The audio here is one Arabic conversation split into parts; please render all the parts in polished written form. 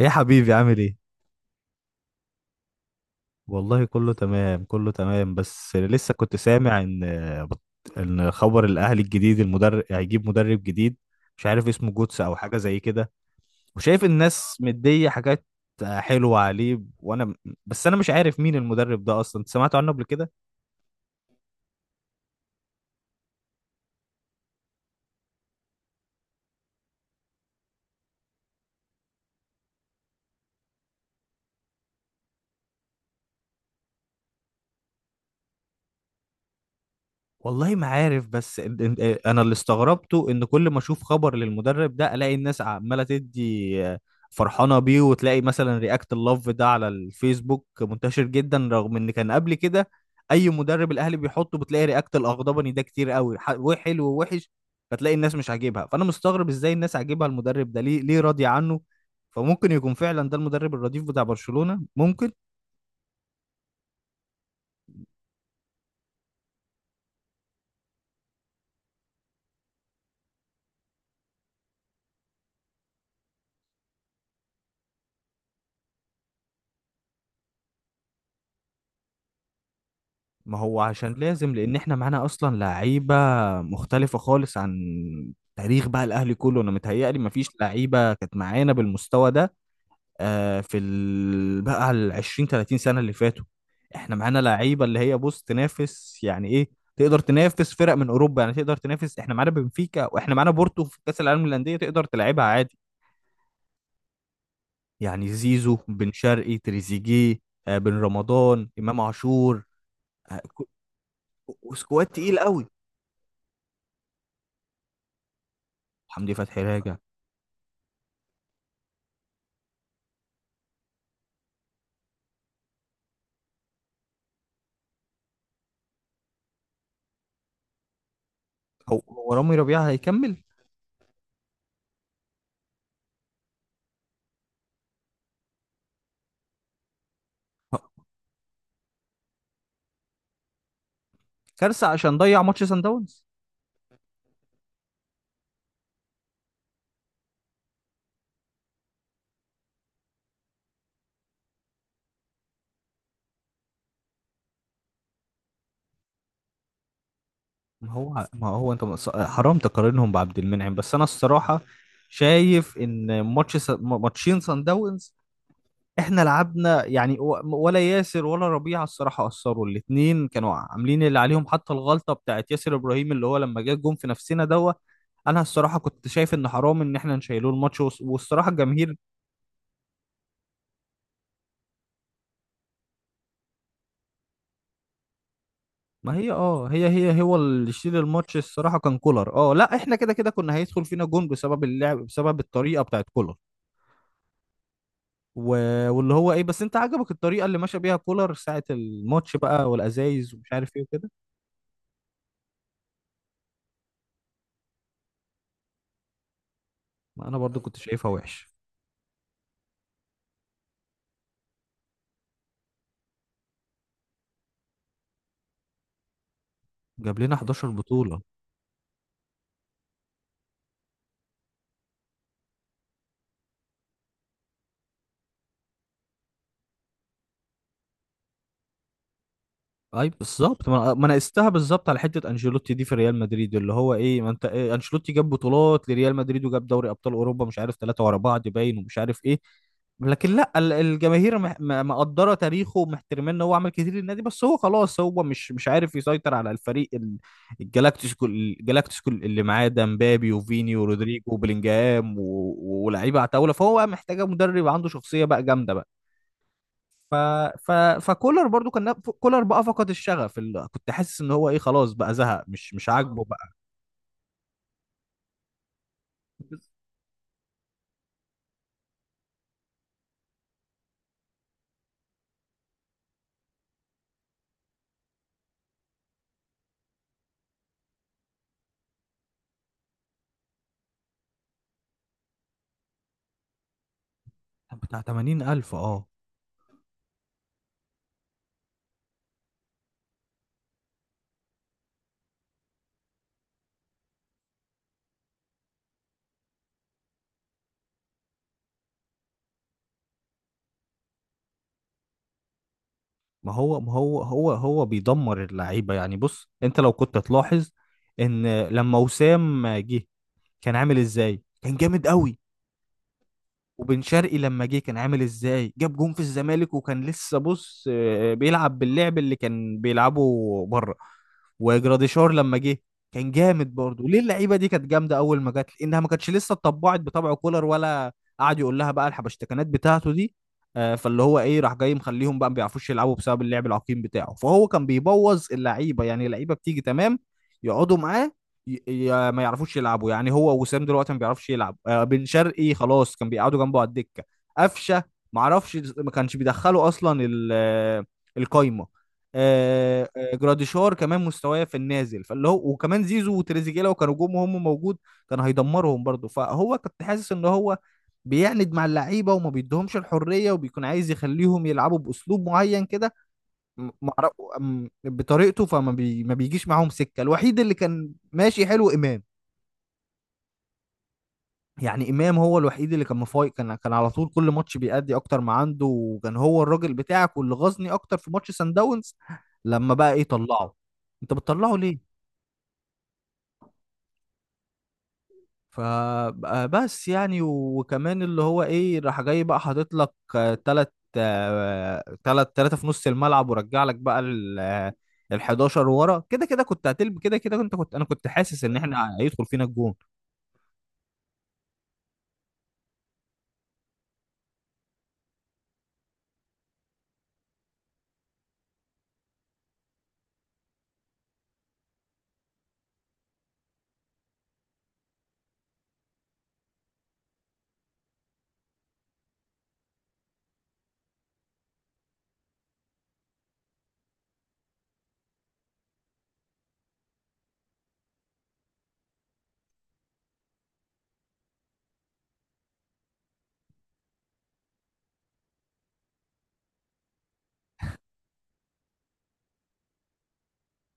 ايه يا حبيبي، عامل ايه؟ والله كله تمام كله تمام، بس لسه كنت سامع ان خبر الاهلي الجديد المدرب، هيجيب مدرب جديد، مش عارف اسمه جوتس او حاجه زي كده، وشايف الناس مديه حاجات حلوه عليه، وانا بس انا مش عارف مين المدرب ده اصلا. أنت سمعت عنه قبل كده؟ والله ما عارف، بس إن- إن- إيه، انا اللي استغربته ان كل ما اشوف خبر للمدرب ده الاقي الناس عماله تدي، فرحانه بيه، وتلاقي مثلا رياكت اللوف ده على الفيسبوك منتشر جدا، رغم ان كان قبل كده اي مدرب الاهلي بيحطه بتلاقي رياكت الاغضبني ده كتير قوي، وحلو ووحش، فتلاقي الناس مش عاجبها. فانا مستغرب ازاي الناس عاجبها المدرب ده، ليه ليه راضيه عنه؟ فممكن يكون فعلا ده المدرب الرديف بتاع برشلونة، ممكن. ما هو عشان لازم، لان احنا معانا اصلا لعيبه مختلفه خالص عن تاريخ بقى الاهلي كله. انا متهيألي ما فيش لعيبه كانت معانا بالمستوى ده، في بقى ال 20 30 سنه اللي فاتوا. احنا معانا لعيبه اللي هي بص تنافس، يعني ايه، تقدر تنافس فرق من اوروبا. يعني تقدر تنافس، احنا معانا بنفيكا واحنا معانا بورتو في كاس العالم للانديه، تقدر تلعبها عادي. يعني زيزو، بن شرقي، تريزيجيه، بن رمضان، امام عاشور، آه، كو- سكواد تقيل قوي. حمدي فتحي راجع. هو رامي ربيعة هيكمل. هو- كارثة عشان ضيع ماتش سان داونز. ما هو انت، حرام تقارنهم بعبد المنعم. بس انا الصراحة شايف ان ماتش ماتشين سان داونز احنا لعبنا يعني، ولا ياسر ولا ربيعة الصراحة أثروا، الاتنين كانوا عاملين اللي عليهم. حتى الغلطة بتاعت ياسر إبراهيم اللي هو لما جه الجون في نفسنا دوت، انا الصراحة كنت شايف ان حرام ان احنا نشيله الماتش، والصراحة الجماهير. ما هي اه هي هي هو اللي يشيل الماتش. الصراحه كان كولر، اه لا احنا كده كده كنا هيدخل فينا جون، بسبب اللعب، بسبب الطريقه بتاعت كولر. و... واللي هو ايه، بس انت عجبك الطريقه اللي ماشى بيها كولر ساعه الماتش بقى، والازايز ومش عارف ايه وكده؟ ما انا برضو كنت شايفها وحش. جاب لنا 11 بطوله. اي بالظبط، ما انا قستها بالظبط على حته انشيلوتي دي في ريال مدريد، اللي هو ايه ما انت إيه، انشيلوتي جاب بطولات لريال مدريد وجاب دوري ابطال اوروبا، مش عارف ثلاثه ورا بعض، باين ومش عارف ايه. لكن لا، الجماهير مقدره تاريخه، ومحترمين ان هو عمل كتير للنادي. بس هو خلاص، هو مش عارف يسيطر على الفريق الجلاكتيكو. الجلاكتيكو اللي معاه ده، مبابي وفيني ورودريجو وبلينجهام ولاعيبه عتاوله، فهو بقى محتاجه مدرب عنده شخصيه بقى جامده. ف... ف... فكولر برضو، كان كولر بقى فقد الشغف، كنت حاسس ان هو ايه، خلاص بقى زهق، مش عاجبه بقى. طب بتاع 80,000، اه. ما هو بيدمر اللعيبه يعني. بص انت لو كنت تلاحظ، ان لما وسام جه كان عامل ازاي، كان جامد قوي. وبن شرقي لما جه كان عامل ازاي، جاب جون في الزمالك، وكان لسه بص، بيلعب باللعب اللي كان بيلعبه بره. وجراديشار لما جه كان جامد برضه. ليه اللعيبه دي كانت جامده اول ما جت؟ لانها ما كانتش لسه اتطبعت بطبع كولر، ولا قعد يقول لها بقى الحبشتكنات بتاعته دي. فاللي هو ايه، راح جاي مخليهم بقى ما بيعرفوش يلعبوا بسبب اللعب العقيم بتاعه. فهو كان بيبوظ اللعيبه يعني. اللعيبه بتيجي تمام، يقعدوا معاه، ما يعرفوش يلعبوا. يعني هو وسام دلوقتي ما بيعرفش يلعب، بن شرقي خلاص كان بيقعدوا جنبه على الدكه. قفشه، ما اعرفش، ما كانش بيدخله اصلا، القايمه. جراديشار كمان مستواه في النازل، فاللي هو وكمان زيزو وتريزيجيه لو كانوا جم وهم موجود، كان هيدمرهم برضه. فهو كنت حاسس ان هو بيعند مع اللعيبه، وما بيدهمش الحريه، وبيكون عايز يخليهم يلعبوا باسلوب معين كده، م- معرف بطريقته. ما بيجيش معاهم سكه. الوحيد اللي كان ماشي حلو امام، يعني امام هو الوحيد اللي كان مفايق، كان على طول كل ماتش بيأدي اكتر ما عنده، وكان هو الراجل بتاعك. واللي غزني اكتر في ماتش سان داونز، لما بقى ايه طلعه، انت بتطلعه ليه؟ فبس يعني، وكمان اللي هو ايه، راح جاي بقى حاطط لك، تلت تلاتة في نص الملعب، ورجع لك بقى ال 11 ورا. كده كده كنت هتلب، كده كده كنت حاسس ان احنا هيدخل فينا الجون.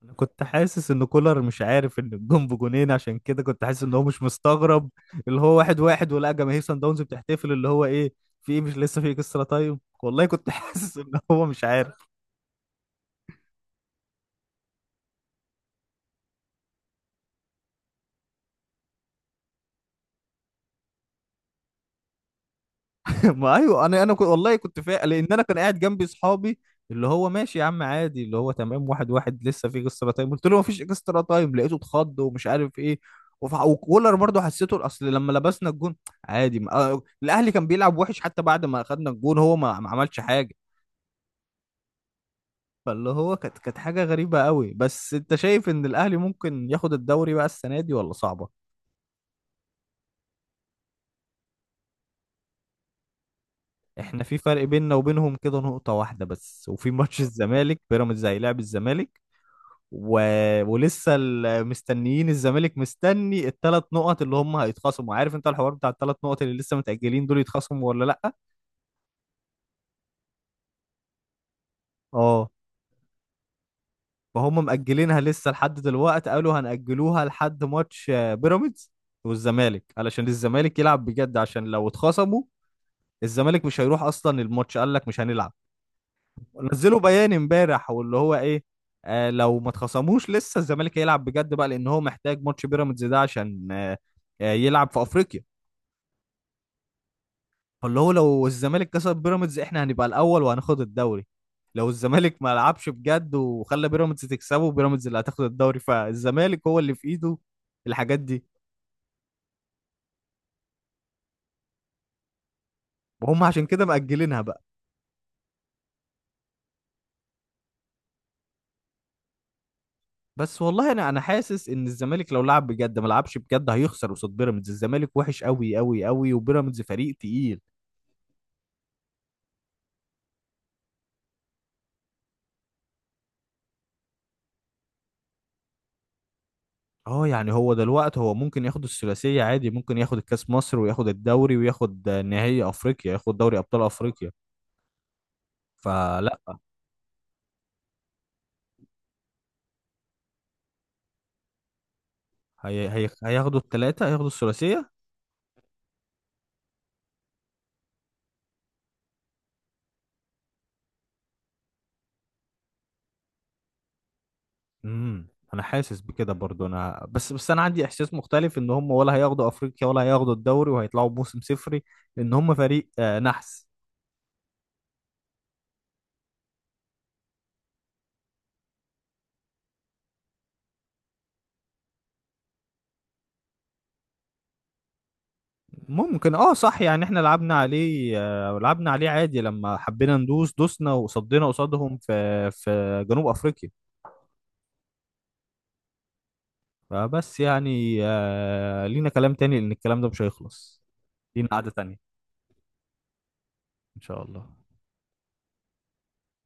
انا كنت حاسس ان كولر مش عارف ان الجون بجونين، عشان كده كنت حاسس ان هو مش مستغرب، اللي هو واحد واحد، ولقى جماهير سان داونز بتحتفل، اللي هو ايه في ايه، مش لسه في اكسترا تايم، والله كنت حاسس ان هو مش عارف. ما ايوه، انا كنت، والله كنت فاهم، لان انا كان قاعد جنبي صحابي، اللي هو ماشي يا عم عادي، اللي هو تمام، واحد واحد لسه في اكسترا تايم. قلت له ما فيش اكسترا تايم، لقيته اتخض ومش عارف ايه. وكولر برضه حسيته اصل، لما لبسنا الجون عادي، ما... آه، الاهلي كان بيلعب وحش. حتى بعد ما اخدنا الجون هو ما عملش حاجه. فاللي هو كانت حاجه غريبه قوي. بس انت شايف ان الاهلي ممكن ياخد الدوري بقى السنه دي، ولا صعبه؟ احنا في فرق بيننا وبينهم كده نقطه واحده بس، وفي ماتش الزمالك بيراميدز هيلاعب الزمالك. و... ولسه مستنيين الزمالك، مستني الثلاث نقط اللي هم هيتخصموا. عارف انت الحوار بتاع الثلاث نقط اللي لسه متأجلين دول، يتخصموا ولا لأ؟ اه، فهم مأجلينها لسه لحد دلوقتي، قالوا هنأجلوها لحد ماتش، بيراميدز والزمالك، علشان الزمالك يلعب بجد. عشان لو اتخصموا، الزمالك مش هيروح اصلا الماتش، قال لك مش هنلعب. نزلوا بيان امبارح واللي هو ايه، آه لو ما اتخصموش لسه الزمالك هيلعب بجد بقى، لان هو محتاج ماتش بيراميدز ده عشان، يلعب في افريقيا. فاللي هو، لو الزمالك كسب بيراميدز، احنا هنبقى الاول وهناخد الدوري. لو الزمالك ما لعبش بجد، وخلى بيراميدز تكسبه، بيراميدز اللي هتاخد الدوري. فالزمالك هو اللي في ايده الحاجات دي، وهم عشان كده مأجلينها بقى. بس والله انا حاسس ان الزمالك لو لعب بجد، ما لعبش بجد هيخسر قصاد بيراميدز. الزمالك وحش قوي قوي قوي، وبيراميدز فريق تقيل. اه يعني، هو دلوقتي هو ممكن ياخد الثلاثية عادي، ممكن ياخد الكاس مصر وياخد الدوري وياخد نهائي افريقيا، ياخد دوري ابطال افريقيا. فلا، هياخدوا الثلاثة، هياخدوا الثلاثية. امم انا حاسس بكده برضو، انا بس انا عندي احساس مختلف، ان هم ولا هياخدوا افريقيا ولا هياخدوا الدوري، وهيطلعوا بموسم صفري، لان هم فريق، نحس. ممكن، اه صح، يعني احنا لعبنا عليه، لعبنا عليه عادي لما حبينا ندوس دوسنا، وصدينا قصادهم في جنوب افريقيا. فبس يعني، لينا كلام تاني، لان الكلام ده مش هيخلص. لينا قعدة تانية، ان شاء الله.